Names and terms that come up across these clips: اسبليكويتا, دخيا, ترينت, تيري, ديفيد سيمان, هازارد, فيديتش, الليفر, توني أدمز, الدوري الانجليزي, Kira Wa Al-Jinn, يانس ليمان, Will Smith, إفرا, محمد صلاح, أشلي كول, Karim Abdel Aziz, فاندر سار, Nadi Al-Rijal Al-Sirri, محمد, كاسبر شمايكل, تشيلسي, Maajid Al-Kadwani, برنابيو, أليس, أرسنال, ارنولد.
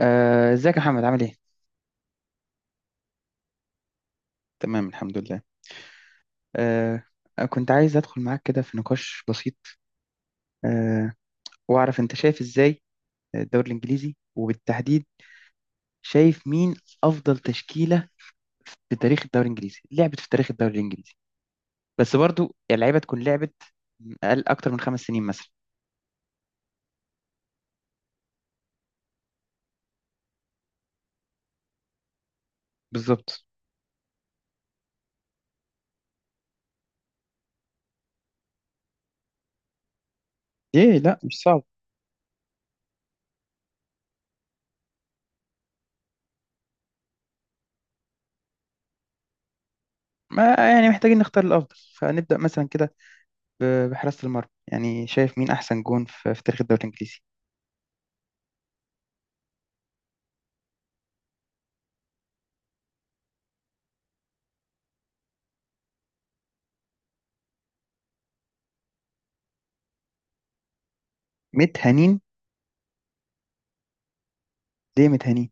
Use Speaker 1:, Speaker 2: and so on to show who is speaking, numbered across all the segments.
Speaker 1: ازيك يا محمد، عامل ايه؟ تمام الحمد لله. آه، كنت عايز ادخل معاك كده في نقاش بسيط. آه، واعرف انت شايف ازاي الدوري الانجليزي، وبالتحديد شايف مين افضل تشكيلة في تاريخ الدوري الانجليزي، لعبت في تاريخ الدوري الانجليزي، بس برضو اللعيبة تكون لعبت اكتر من خمس سنين مثلا. بالظبط. ايه، لا مش صعب. ما يعني محتاجين نختار الافضل، فنبدأ مثلا كده بحراسة المرمى. يعني شايف مين احسن جون في تاريخ الدوري الانجليزي؟ ميت هنين. ليه ميت هنين؟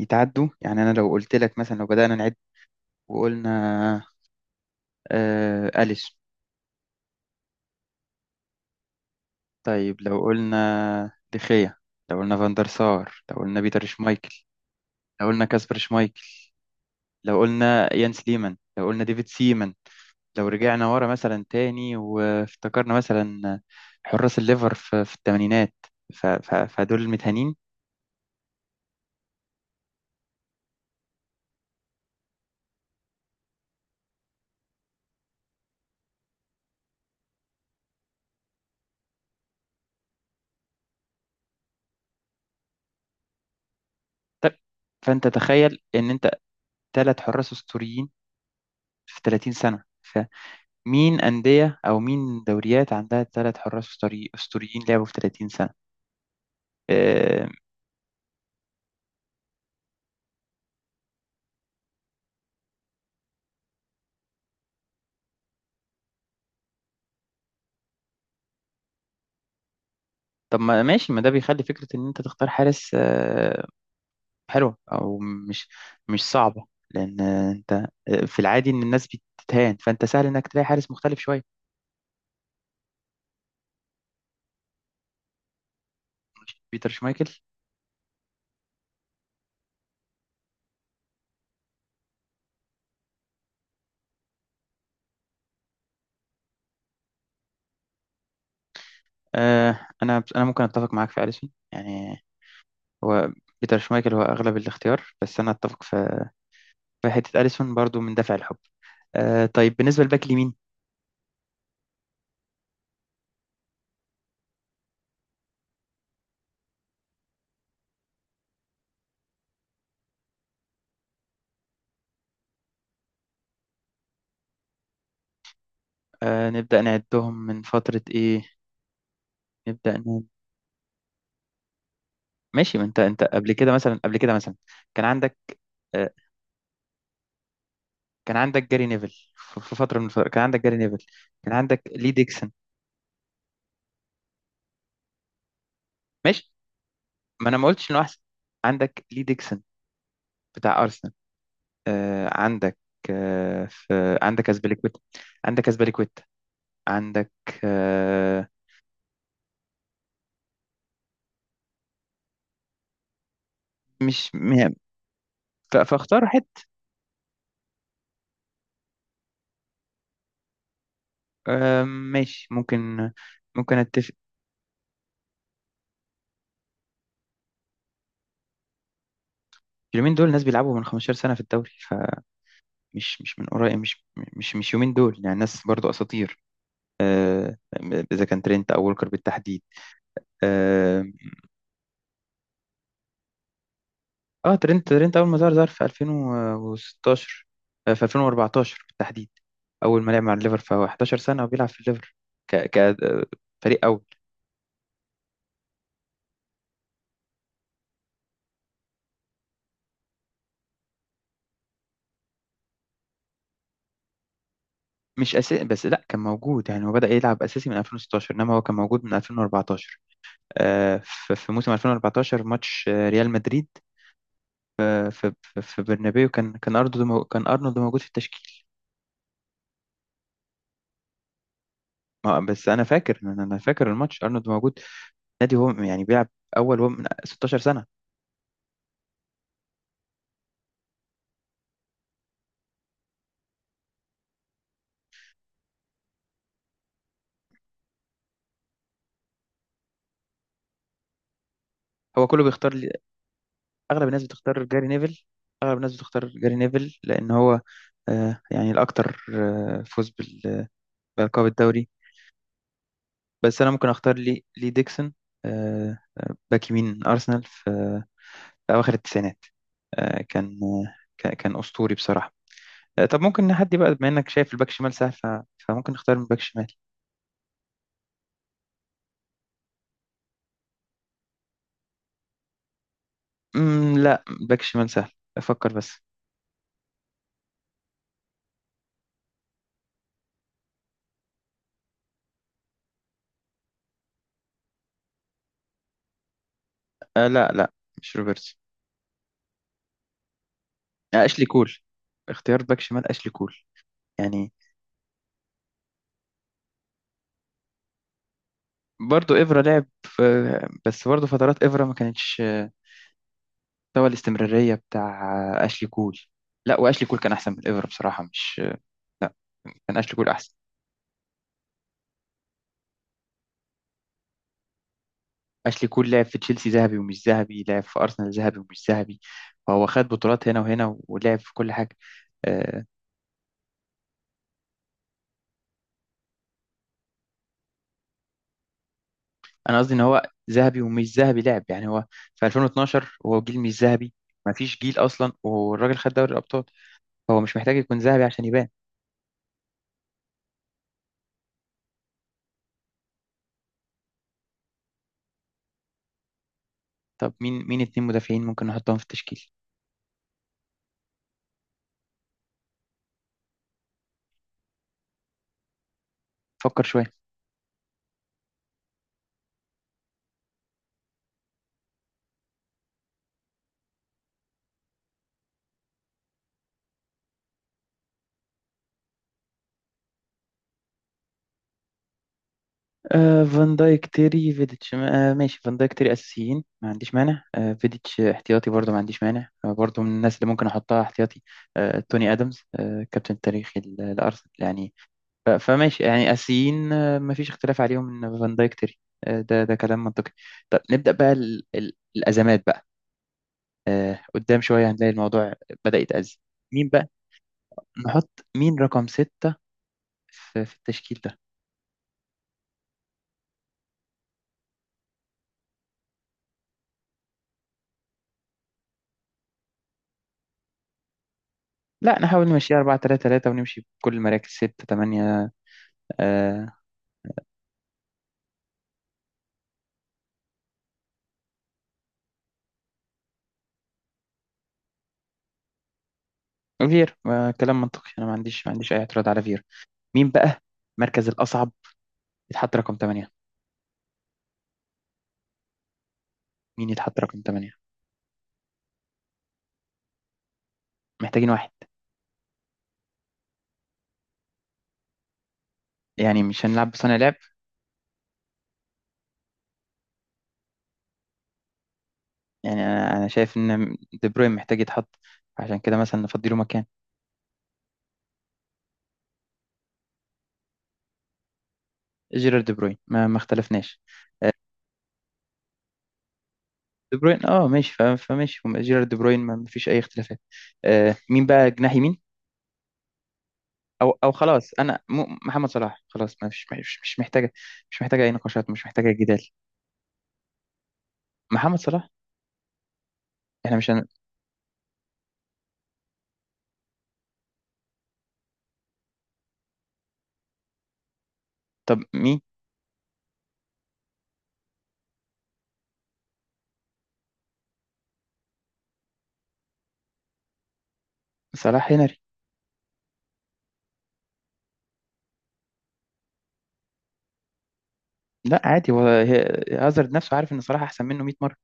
Speaker 1: يتعدوا يعني. أنا لو قلت لك مثلا، لو بدأنا نعد وقلنا أليس، طيب لو قلنا دخيا، لو قلنا فاندر سار، لو قلنا بيتر شمايكل، لو قلنا كاسبر شمايكل، لو قلنا يانس ليمان، لو قلنا ديفيد سيمان، لو رجعنا ورا مثلا تاني وافتكرنا مثلا حراس الليفر في الثمانينات، فدول المتهانين. طب، فأنت تخيل إن أنت ثلاث حراس أسطوريين في 30 سنة. مين أندية أو مين دوريات عندها ثلاث حراس أسطوريين لعبوا في 30 سنة؟ آه، طب ما ماشي، ما ده بيخلي فكرة إن أنت تختار حارس حلوة، أو مش مش صعبة، لأن أنت في العادي إن الناس بتتهان، فأنت سهل إنك تلاقي حارس مختلف شوية. بيتر شمايكل. أنا ممكن أتفق معاك في أليسون يعني. هو بيتر شمايكل هو أغلب الاختيار، بس أنا أتفق في حتة أليسون برضو من دافع الحب. طيب بالنسبة للباك اليمين. نبدأ نعدهم من فترة إيه؟ نبدأ ن- ماشي، ما انت قبل كده مثلا، كان عندك آه، كان عندك جاري نيفل في فترة من الفترات، كان عندك جاري نيفل، كان عندك لي ديكسون. ماشي، ما انا ما قلتش انه احسن. عندك لي ديكسون بتاع ارسنال. عندك آه، في عندك اسبليكويتا. عندك اسبليكويتا. عندك. آه، مش مهم. فاختار حد. ماشي، ممكن. اتفق. اليومين دول ناس بيلعبوا من 15 سنة في الدوري، مش من قريب، مش يومين دول يعني، ناس برضو اساطير، اذا كان ترينت او وولكر بالتحديد. اه. ترينت اول ما ظهر في 2016، في 2014 بالتحديد اول ما لعب مع الليفر، فهو 11 سنه وبيلعب في الليفر ك ك آه، فريق اول. مش اساسي، بس لا، كان موجود يعني. هو بدأ يلعب اساسي من 2016، انما هو كان موجود من 2014. في موسم 2014 ماتش ريال مدريد، في برنابيو، كان ارنولد موجود في التشكيل. ما بس انا فاكر، انا فاكر الماتش ارنولد موجود. نادي، هو يعني بيلعب اول هو من 16 سنه. هو كله بيختار لي- اغلب الناس بتختار جاري نيفل. اغلب الناس بتختار جاري نيفل لان هو يعني الاكثر فوز بألقاب الدوري. بس انا ممكن اختار لي ديكسون، باك يمين ارسنال في في اواخر التسعينات. كان كان اسطوري بصراحه. طب ممكن نحدي بقى، بما انك شايف الباك شمال سهل، فممكن نختار من باك شمال. لا، باك شمال سهل، افكر بس. لا، لا، مش روبرتسون. أشلي كول، اختيار باك شمال أشلي كول يعني. برضو إفرا لعب في، بس برضو فترات إفرا ما كانتش مستوى الاستمرارية بتاع أشلي كول. لا، وأشلي كول كان أحسن من إفرا بصراحة، مش كان أشلي كول أحسن. أشلي كول لعب في تشيلسي ذهبي ومش ذهبي، لعب في أرسنال ذهبي ومش ذهبي، فهو خد بطولات هنا وهنا، ولعب في كل حاجة. آه، أنا قصدي إن هو ذهبي ومش ذهبي لعب يعني. هو في 2012 هو جيل مش ذهبي، ما فيش جيل أصلا، والراجل خد دوري الأبطال. هو مش محتاج يكون ذهبي عشان يبان. طب، مين اتنين مدافعين ممكن نحطهم في التشكيل؟ فكر شوية. فان دايك، تيري، فيديتش. ماشي، فان دايك تيري أساسيين، ما عنديش مانع. فيديتش احتياطي برضه، ما عنديش مانع. برضه، من الناس اللي ممكن أحطها احتياطي توني أدمز، كابتن التاريخي لأرسنال يعني. فماشي يعني، أساسيين، ما فيش اختلاف عليهم إن فان دايك تيري. ده كلام منطقي. طب نبدأ بقى ال الأزمات بقى. قدام شوية هنلاقي الموضوع بدأ يتأزم. مين بقى نحط مين رقم ستة في التشكيل ده؟ لا، نحاول نمشي 4 3 3، ونمشي بكل المراكز 6 8. آه فير. كلام منطقي، انا ما عنديش اي اعتراض على فير. مين بقى المركز الاصعب يتحط رقم 8؟ مين يتحط رقم 8؟ محتاجين واحد يعني، مش هنلعب بصانع لعب. يعني انا شايف ان دي بروين محتاج يتحط، عشان كده مثلا نفضيله مكان. جيرارد دي بروين ما اختلفناش. دي بروين، اه ماشي. فماشي جيرارد دي بروين، ما فيش اي اختلافات. مين بقى جناح يمين؟ او خلاص انا، محمد صلاح خلاص، ما فيش، مش محتاجه. مش محتاجه اي نقاشات، مش محتاجه جدال. محمد صلاح. احنا مش هن... طب مين؟ صلاح هنري. لا عادي، هو هازارد نفسه عارف ان صلاح احسن منه 100 مره.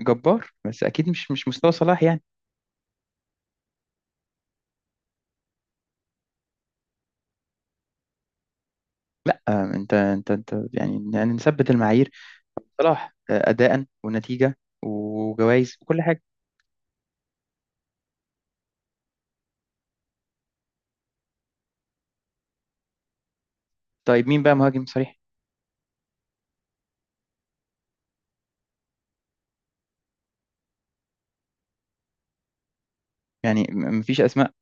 Speaker 1: جبار، بس اكيد مش مستوى صلاح يعني. لا انت يعني، نثبت المعايير. صلاح اداء ونتيجه وجوائز وكل حاجه. طيب، مين بقى مهاجم صريح؟ يعني مفيش اسماء.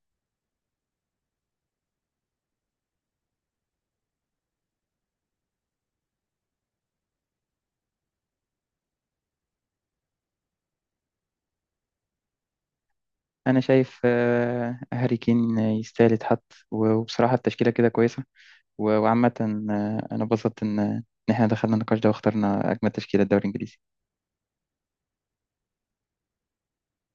Speaker 1: انا شايف هاري كين يستاهل يتحط. وبصراحه التشكيله كده كويسه وعامة. أنا اتبسطت إن إحنا دخلنا النقاش ده واخترنا أجمل تشكيلة الدوري الإنجليزي.